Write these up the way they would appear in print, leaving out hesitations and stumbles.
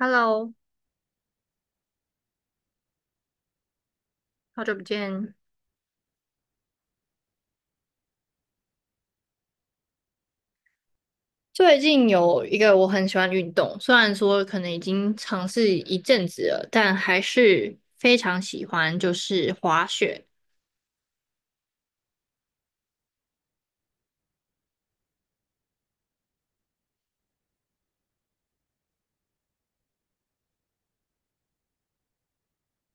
Hello，好久不见。最近有一个我很喜欢的运动，虽然说可能已经尝试一阵子了，但还是非常喜欢，就是滑雪。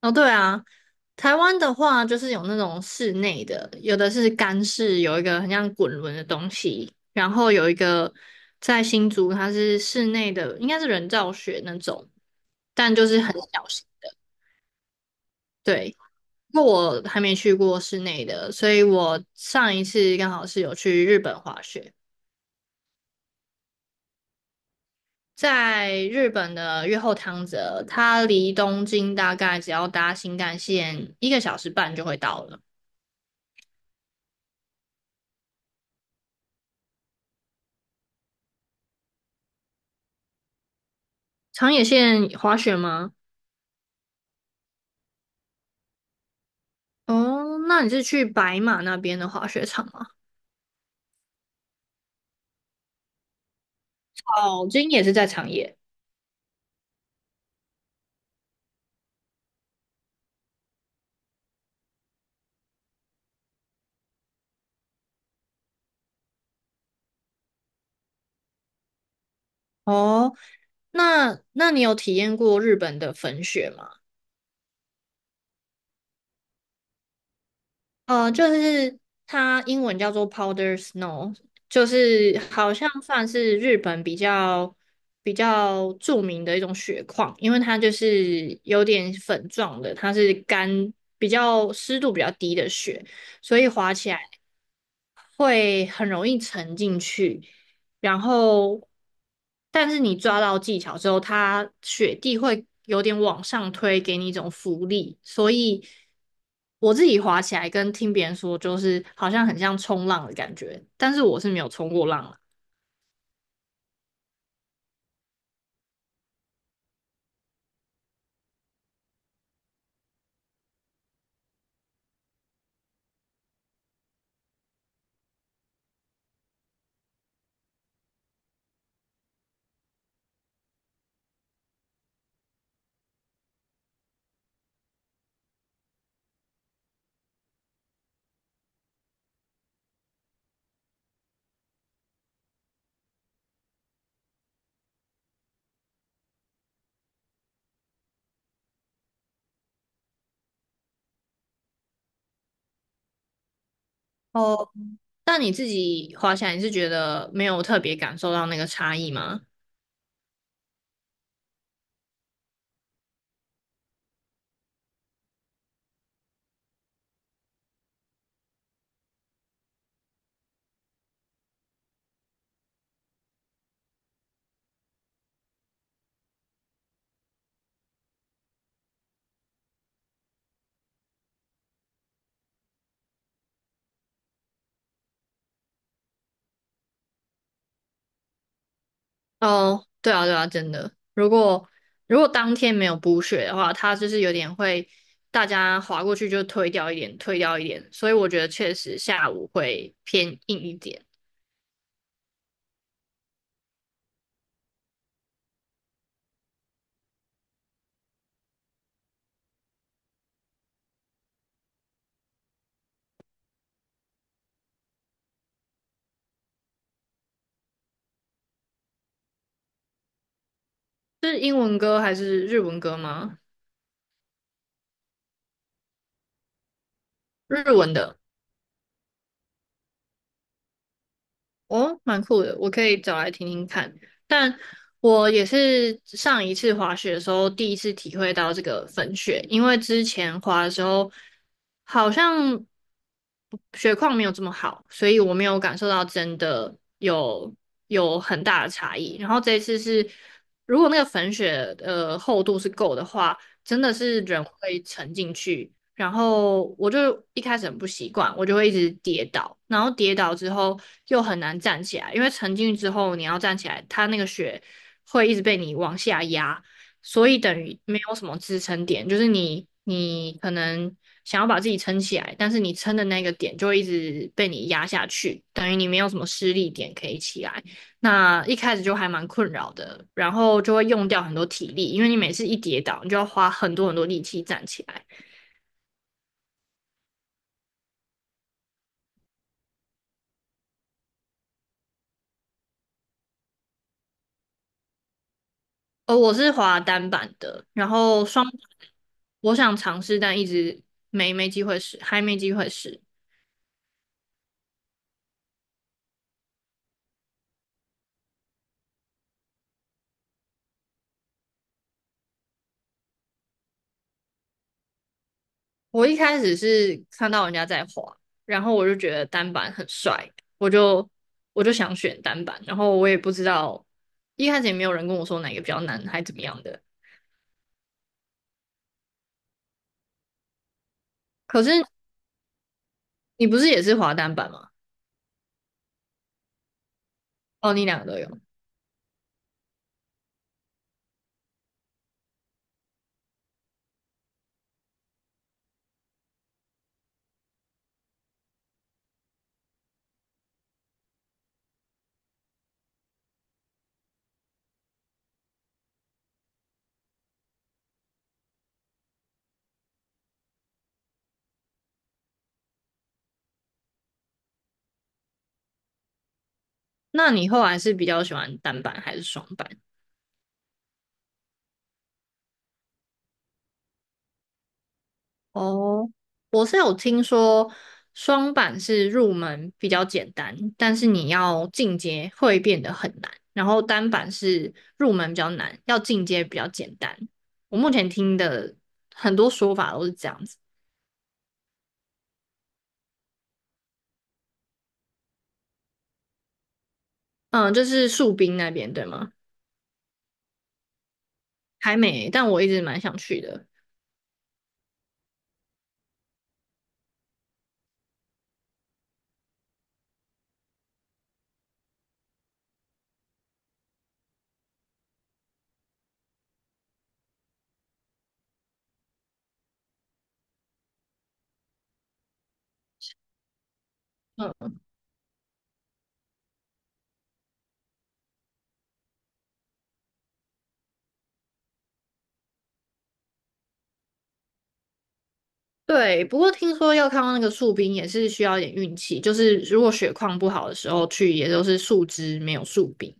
哦，对啊，台湾的话就是有那种室内的，有的是干式，有一个很像滚轮的东西，然后有一个在新竹，它是室内的，应该是人造雪那种，但就是很小型的。对。不过我还没去过室内的，所以我上一次刚好是有去日本滑雪，在日本的越后汤泽，它离东京大概只要搭新干线一个小时半就会到了。长野县滑雪吗？哦，那你是去白马那边的滑雪场吗？哦，今也是在长野。哦，那你有体验过日本的粉雪吗？就是它英文叫做 powder snow，就是好像算是日本比较著名的一种雪况，因为它就是有点粉状的，它是比较湿度比较低的雪，所以滑起来会很容易沉进去。然后，但是你抓到技巧之后，它雪地会有点往上推，给你一种浮力。所以我自己滑起来跟听别人说，就是好像很像冲浪的感觉，但是我是没有冲过浪了。哦，但你自己滑起来，你是觉得没有特别感受到那个差异吗？哦，对啊，对啊，真的。如果如果当天没有补血的话，它就是有点会大家划过去就推掉一点，推掉一点。所以我觉得确实下午会偏硬一点。是英文歌还是日文歌吗？日文的。哦，蛮酷的，我可以找来听听看。但我也是上一次滑雪的时候，第一次体会到这个粉雪，因为之前滑的时候好像雪况没有这么好，所以我没有感受到真的有很大的差异。然后这一次是，如果那个粉雪厚度是够的话，真的是人会沉进去。然后我就一开始很不习惯，我就会一直跌倒，然后跌倒之后又很难站起来，因为沉进去之后你要站起来，它那个雪会一直被你往下压，所以等于没有什么支撑点，就是你可能想要把自己撑起来，但是你撑的那个点就会一直被你压下去，等于你没有什么施力点可以起来。那一开始就还蛮困扰的，然后就会用掉很多体力，因为你每次一跌倒，你就要花很多很多力气站起来。我是滑单板的，然后双板我想尝试，但一直没机会试，还没机会试。我一开始是看到人家在滑，然后我就觉得单板很帅，我就我就想选单板，然后我也不知道，一开始也没有人跟我说哪个比较难，还怎么样的。可是你不是也是滑单板吗？哦，你两个都有，那你后来是比较喜欢单板还是双板？哦，我是有听说双板是入门比较简单，但是你要进阶会变得很难。然后单板是入门比较难，要进阶比较简单。我目前听的很多说法都是这样子。嗯，就是树冰那边对吗？还没，但我一直蛮想去的。嗯，对。不过听说要看到那个树冰也是需要一点运气，就是如果血况不好的时候去，也都是树枝没有树冰。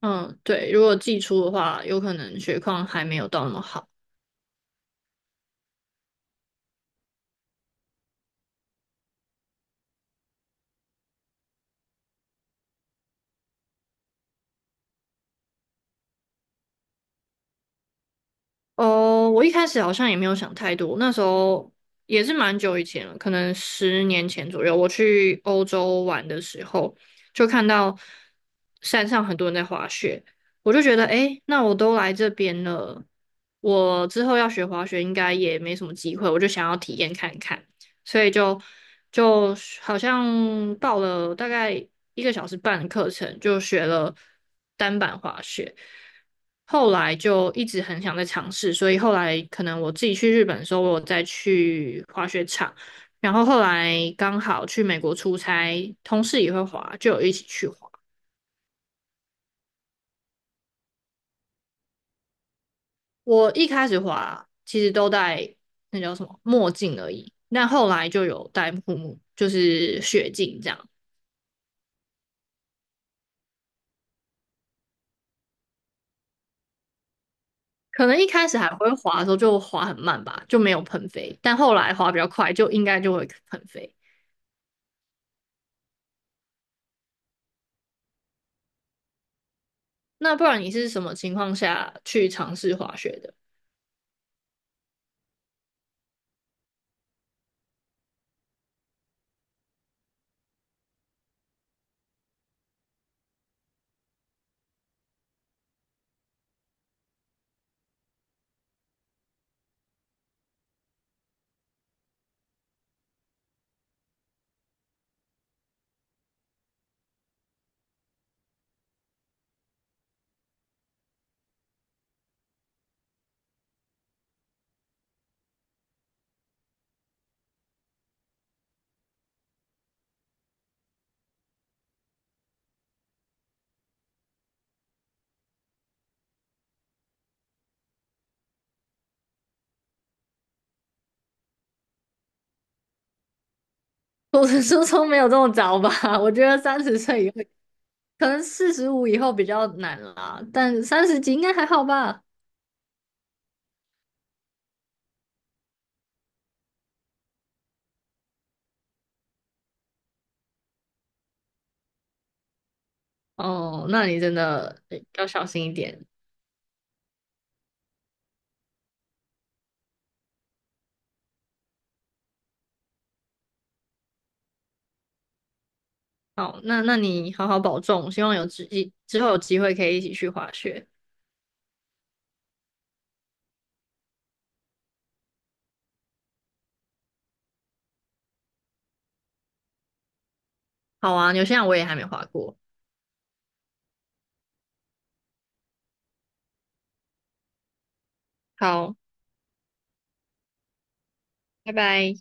嗯，对，如果寄出的话，有可能雪况还没有到那么好。哦，我一开始好像也没有想太多，那时候也是蛮久以前了，可能10年前左右，我去欧洲玩的时候，就看到山上很多人在滑雪，我就觉得，诶，那我都来这边了，我之后要学滑雪应该也没什么机会，我就想要体验看看。所以就好像报了大概一个小时半的课程，就学了单板滑雪。后来就一直很想再尝试，所以后来可能我自己去日本的时候，我有再去滑雪场。然后后来刚好去美国出差，同事也会滑，就有一起去滑。我一开始滑其实都戴那叫什么墨镜而已，但后来就有戴护目，就是雪镜这样。可能一开始还会滑的时候就滑很慢吧，就没有喷飞，但后来滑比较快，就应该就会喷飞。那不然你是什么情况下去尝试滑雪的？我的初衷没有这么早吧，我觉得30岁以后，可能45以后比较难啦，但三十几应该还好吧。哦，那你真的诶要小心一点。好，那你好好保重，希望之后有机会可以一起去滑雪。好啊，纽西兰我也还没滑过。好，拜拜。